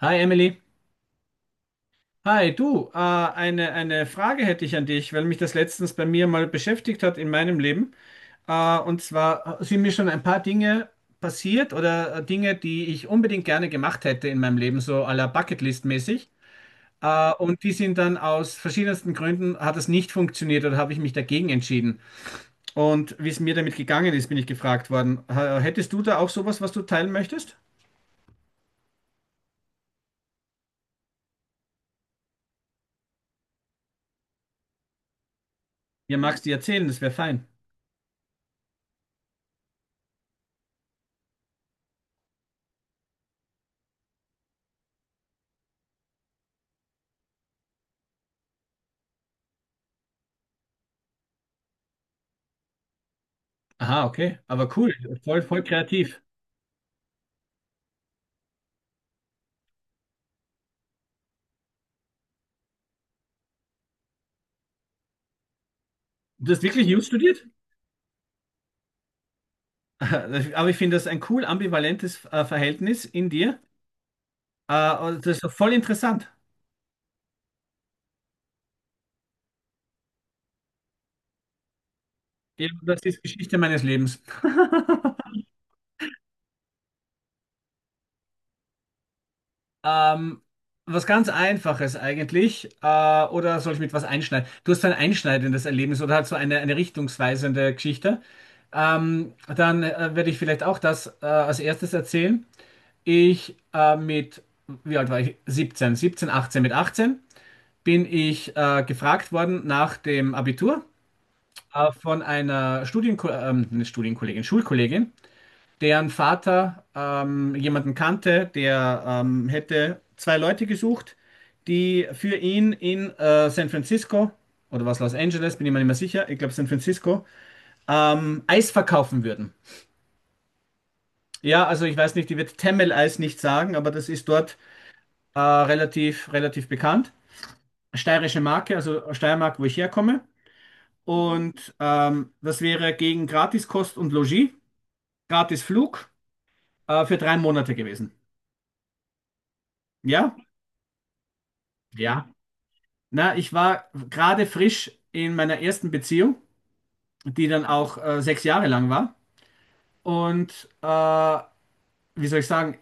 Hi Emily. Hi, du, eine Frage hätte ich an dich, weil mich das letztens bei mir mal beschäftigt hat in meinem Leben. Und zwar sind mir schon ein paar Dinge passiert oder Dinge, die ich unbedingt gerne gemacht hätte in meinem Leben, so à la Bucketlist-mäßig. Und die sind dann aus verschiedensten Gründen, hat es nicht funktioniert oder habe ich mich dagegen entschieden. Und wie es mir damit gegangen ist, bin ich gefragt worden. Hättest du da auch sowas, was du teilen möchtest? Ja, magst du erzählen, das wäre fein. Aha, okay, aber cool, voll, voll kreativ. Du hast wirklich Jus studiert? Aber ich finde das ein cool ambivalentes Verhältnis in dir. Und das ist voll interessant. Ja, das ist Geschichte meines Lebens. Ähm, Was ganz Einfaches eigentlich. Oder soll ich mit was einschneiden? Du hast so ein einschneidendes Erlebnis oder halt so eine richtungsweisende Geschichte. Dann werde ich vielleicht auch das als erstes erzählen. Ich äh, mit, Wie alt war ich? 17, 17, 18. Mit 18 bin ich gefragt worden nach dem Abitur, von einer Studienko nicht Studienkollegin, Schulkollegin, deren Vater jemanden kannte, der hätte zwei Leute gesucht, die für ihn in San Francisco oder was Los Angeles, bin ich mir nicht mehr sicher, ich glaube San Francisco, Eis verkaufen würden. Ja, also ich weiß nicht, die wird Temmel-Eis nicht sagen, aber das ist dort relativ, relativ bekannt. Steirische Marke, also Steiermark, wo ich herkomme. Und das wäre gegen Gratiskost und Logis, gratis Flug für 3 Monate gewesen. Ja? Ja. Na, ich war gerade frisch in meiner ersten Beziehung, die dann auch 6 Jahre lang war. Und wie soll ich sagen,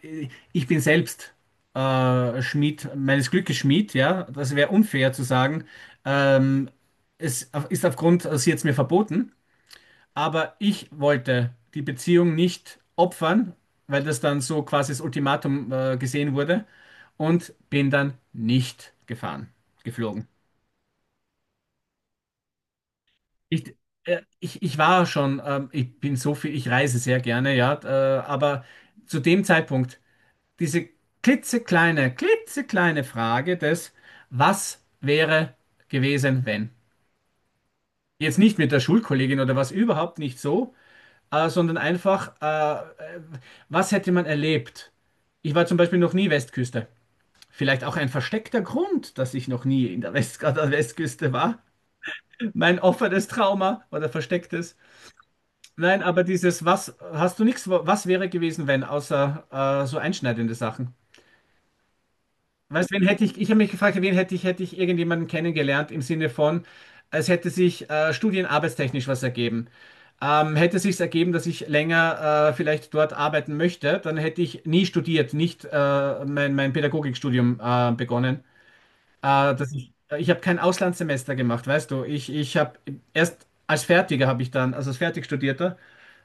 ich bin selbst Schmied, meines Glückes Schmied, ja. Das wäre unfair zu sagen. Ähm, Es ist aufgrund, sie hat es mir verboten. Aber ich wollte die Beziehung nicht opfern, weil das dann so quasi das Ultimatum gesehen wurde, und bin dann nicht gefahren, geflogen. Ich, ich war schon, ich bin so viel, ich reise sehr gerne, ja, aber zu dem Zeitpunkt diese klitzekleine, klitzekleine Frage des, was wäre gewesen, wenn? Jetzt nicht mit der Schulkollegin oder was überhaupt nicht so, sondern einfach, was hätte man erlebt? Ich war zum Beispiel noch nie Westküste. Vielleicht auch ein versteckter Grund, dass ich noch nie in der West an der Westküste war. Mein offenes Trauma oder verstecktes. Nein, aber dieses, was hast du nichts, was wäre gewesen, wenn, außer so einschneidende Sachen? Weißt, wen hätte ich, ich habe mich gefragt, wen hätte ich irgendjemanden kennengelernt im Sinne von, es hätte sich studienarbeitstechnisch was ergeben. Hätte sich's ergeben, dass ich länger vielleicht dort arbeiten möchte, dann hätte ich nie studiert, nicht mein Pädagogikstudium begonnen. Dass ich ich habe kein Auslandssemester gemacht, weißt du. Ich habe erst als Fertiger habe ich dann, also als Fertigstudierter,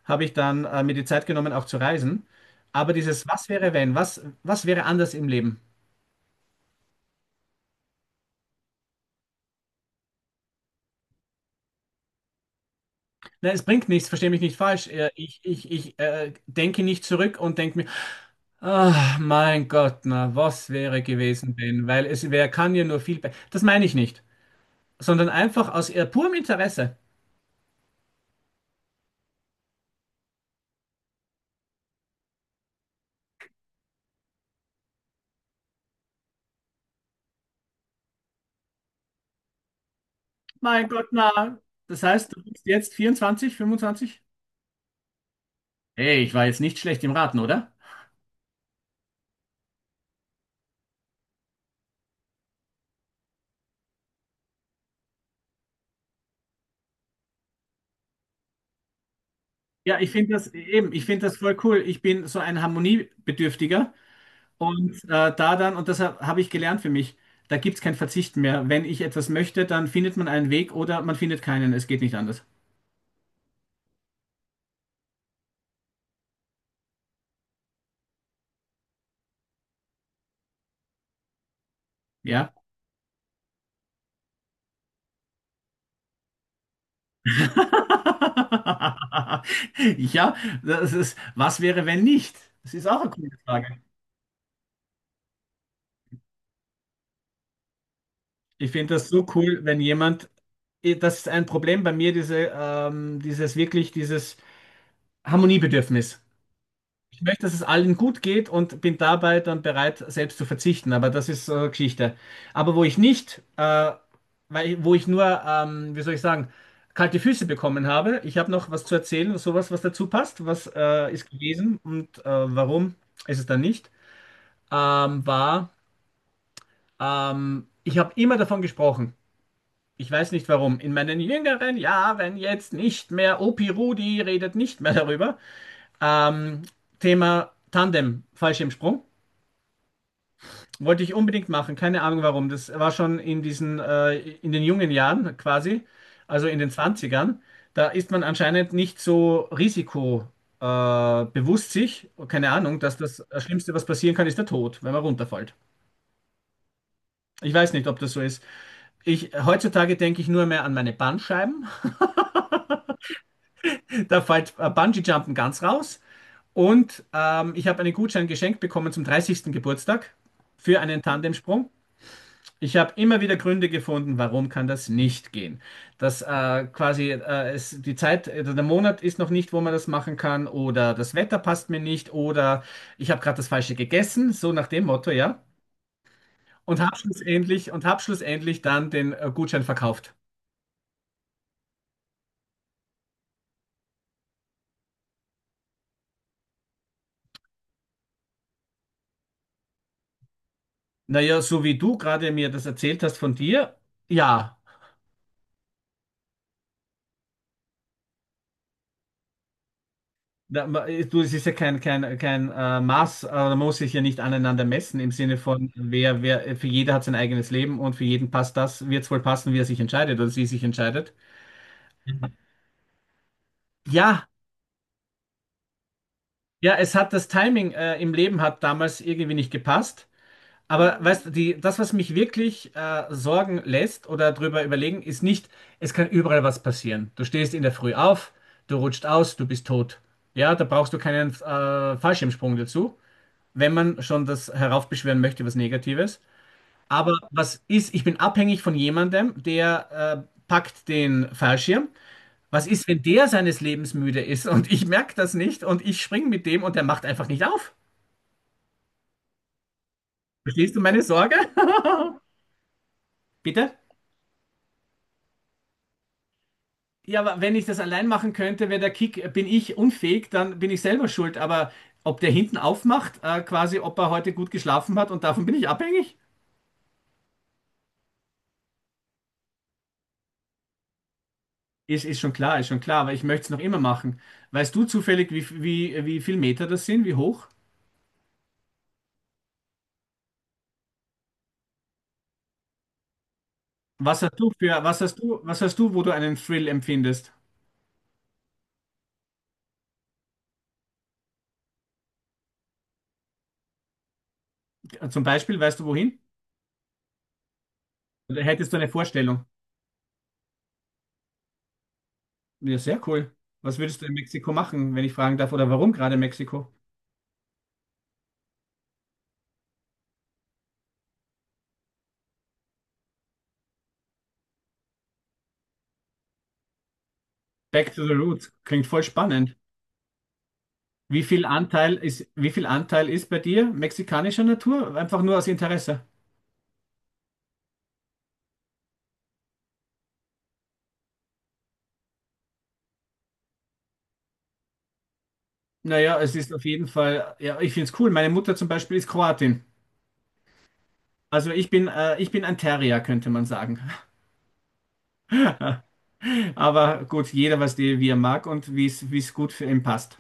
habe ich dann mir die Zeit genommen, auch zu reisen. Aber dieses, was wäre wenn, was, was wäre anders im Leben? Nein, es bringt nichts, verstehe mich nicht falsch. Ich denke nicht zurück und denke mir, ah mein Gott, na, was wäre gewesen, wenn? Weil es, wer kann ja nur viel be-" Das meine ich nicht, sondern einfach aus purem Interesse. Mein Gott, na. Das heißt, du bist jetzt 24, 25? Hey, ich war jetzt nicht schlecht im Raten, oder? Ja, ich finde das eben, ich finde das voll cool. Ich bin so ein Harmoniebedürftiger. Und da dann, und das habe hab hab ich gelernt für mich, da gibt es kein Verzicht mehr. Wenn ich etwas möchte, dann findet man einen Weg oder man findet keinen. Es geht nicht anders. Ja. Ja, das ist, was wäre, wenn nicht? Das ist auch eine coole Frage. Ich finde das so cool, wenn jemand, das ist ein Problem bei mir, diese, dieses wirklich, dieses Harmoniebedürfnis. Ich möchte, dass es allen gut geht und bin dabei dann bereit, selbst zu verzichten. Aber das ist Geschichte. Aber wo ich nicht, weil, wo ich nur, wie soll ich sagen, kalte Füße bekommen habe, ich habe noch was zu erzählen, sowas, was dazu passt, was ist gewesen und warum ist es dann nicht, war, ich habe immer davon gesprochen. Ich weiß nicht warum. In meinen jüngeren Jahren jetzt nicht mehr. Opi Rudi redet nicht mehr darüber. Ähm, Thema Tandem, Fallschirmsprung. Wollte ich unbedingt machen, keine Ahnung warum. Das war schon in diesen, in den jungen Jahren quasi, also in den Zwanzigern. Da ist man anscheinend nicht so risikobewusst, bewusst sich, keine Ahnung, dass das Schlimmste, was passieren kann, ist der Tod, wenn man runterfällt. Ich weiß nicht, ob das so ist. Ich, heutzutage denke ich nur mehr an meine Bandscheiben. Da fällt Bungee-Jumpen ganz raus. Und ich habe einen Gutschein geschenkt bekommen zum 30. Geburtstag für einen Tandemsprung. Ich habe immer wieder Gründe gefunden, warum kann das nicht gehen. Dass quasi es, die Zeit, der Monat ist noch nicht, wo man das machen kann, oder das Wetter passt mir nicht, oder ich habe gerade das Falsche gegessen, so nach dem Motto, ja. Und hab schlussendlich dann den Gutschein verkauft. Naja, so wie du gerade mir das erzählt hast von dir, ja. Da, du, es ist ja kein Maß, da muss sich ja nicht aneinander messen im Sinne von, für jeder hat sein eigenes Leben und für jeden passt das, wird es wohl passen, wie er sich entscheidet oder sie sich entscheidet. Ja, ja, es hat das Timing im Leben hat damals irgendwie nicht gepasst. Aber weißt du, die, das, was mich wirklich sorgen lässt oder drüber überlegen, ist nicht, es kann überall was passieren. Du stehst in der Früh auf, du rutscht aus, du bist tot. Ja, da brauchst du keinen Fallschirmsprung dazu, wenn man schon das heraufbeschwören möchte, was Negatives. Aber was ist, ich bin abhängig von jemandem, der packt den Fallschirm. Was ist, wenn der seines Lebens müde ist und ich merke das nicht und ich springe mit dem und der macht einfach nicht auf? Verstehst du meine Sorge? Bitte? Ja, aber wenn ich das allein machen könnte, wäre der Kick, bin ich unfähig, dann bin ich selber schuld. Aber ob der hinten aufmacht, quasi, ob er heute gut geschlafen hat und davon bin ich abhängig? Ist, ist schon klar, aber ich möchte es noch immer machen. Weißt du zufällig, wie viel Meter das sind, wie hoch? Was hast du für, was hast du, wo du einen Thrill empfindest? Zum Beispiel, weißt du wohin? Oder hättest du eine Vorstellung? Ja, sehr cool. Was würdest du in Mexiko machen, wenn ich fragen darf, oder warum gerade Mexiko? Back to the roots. Klingt voll spannend. Wie viel Anteil ist, wie viel Anteil ist bei dir mexikanischer Natur? Einfach nur aus Interesse. Naja, es ist auf jeden Fall, ja, ich finde es cool. Meine Mutter zum Beispiel ist Kroatin. Also ich bin ein Terrier, könnte man sagen. Aber gut, jeder was die, wie er mag und wie es gut für ihn passt.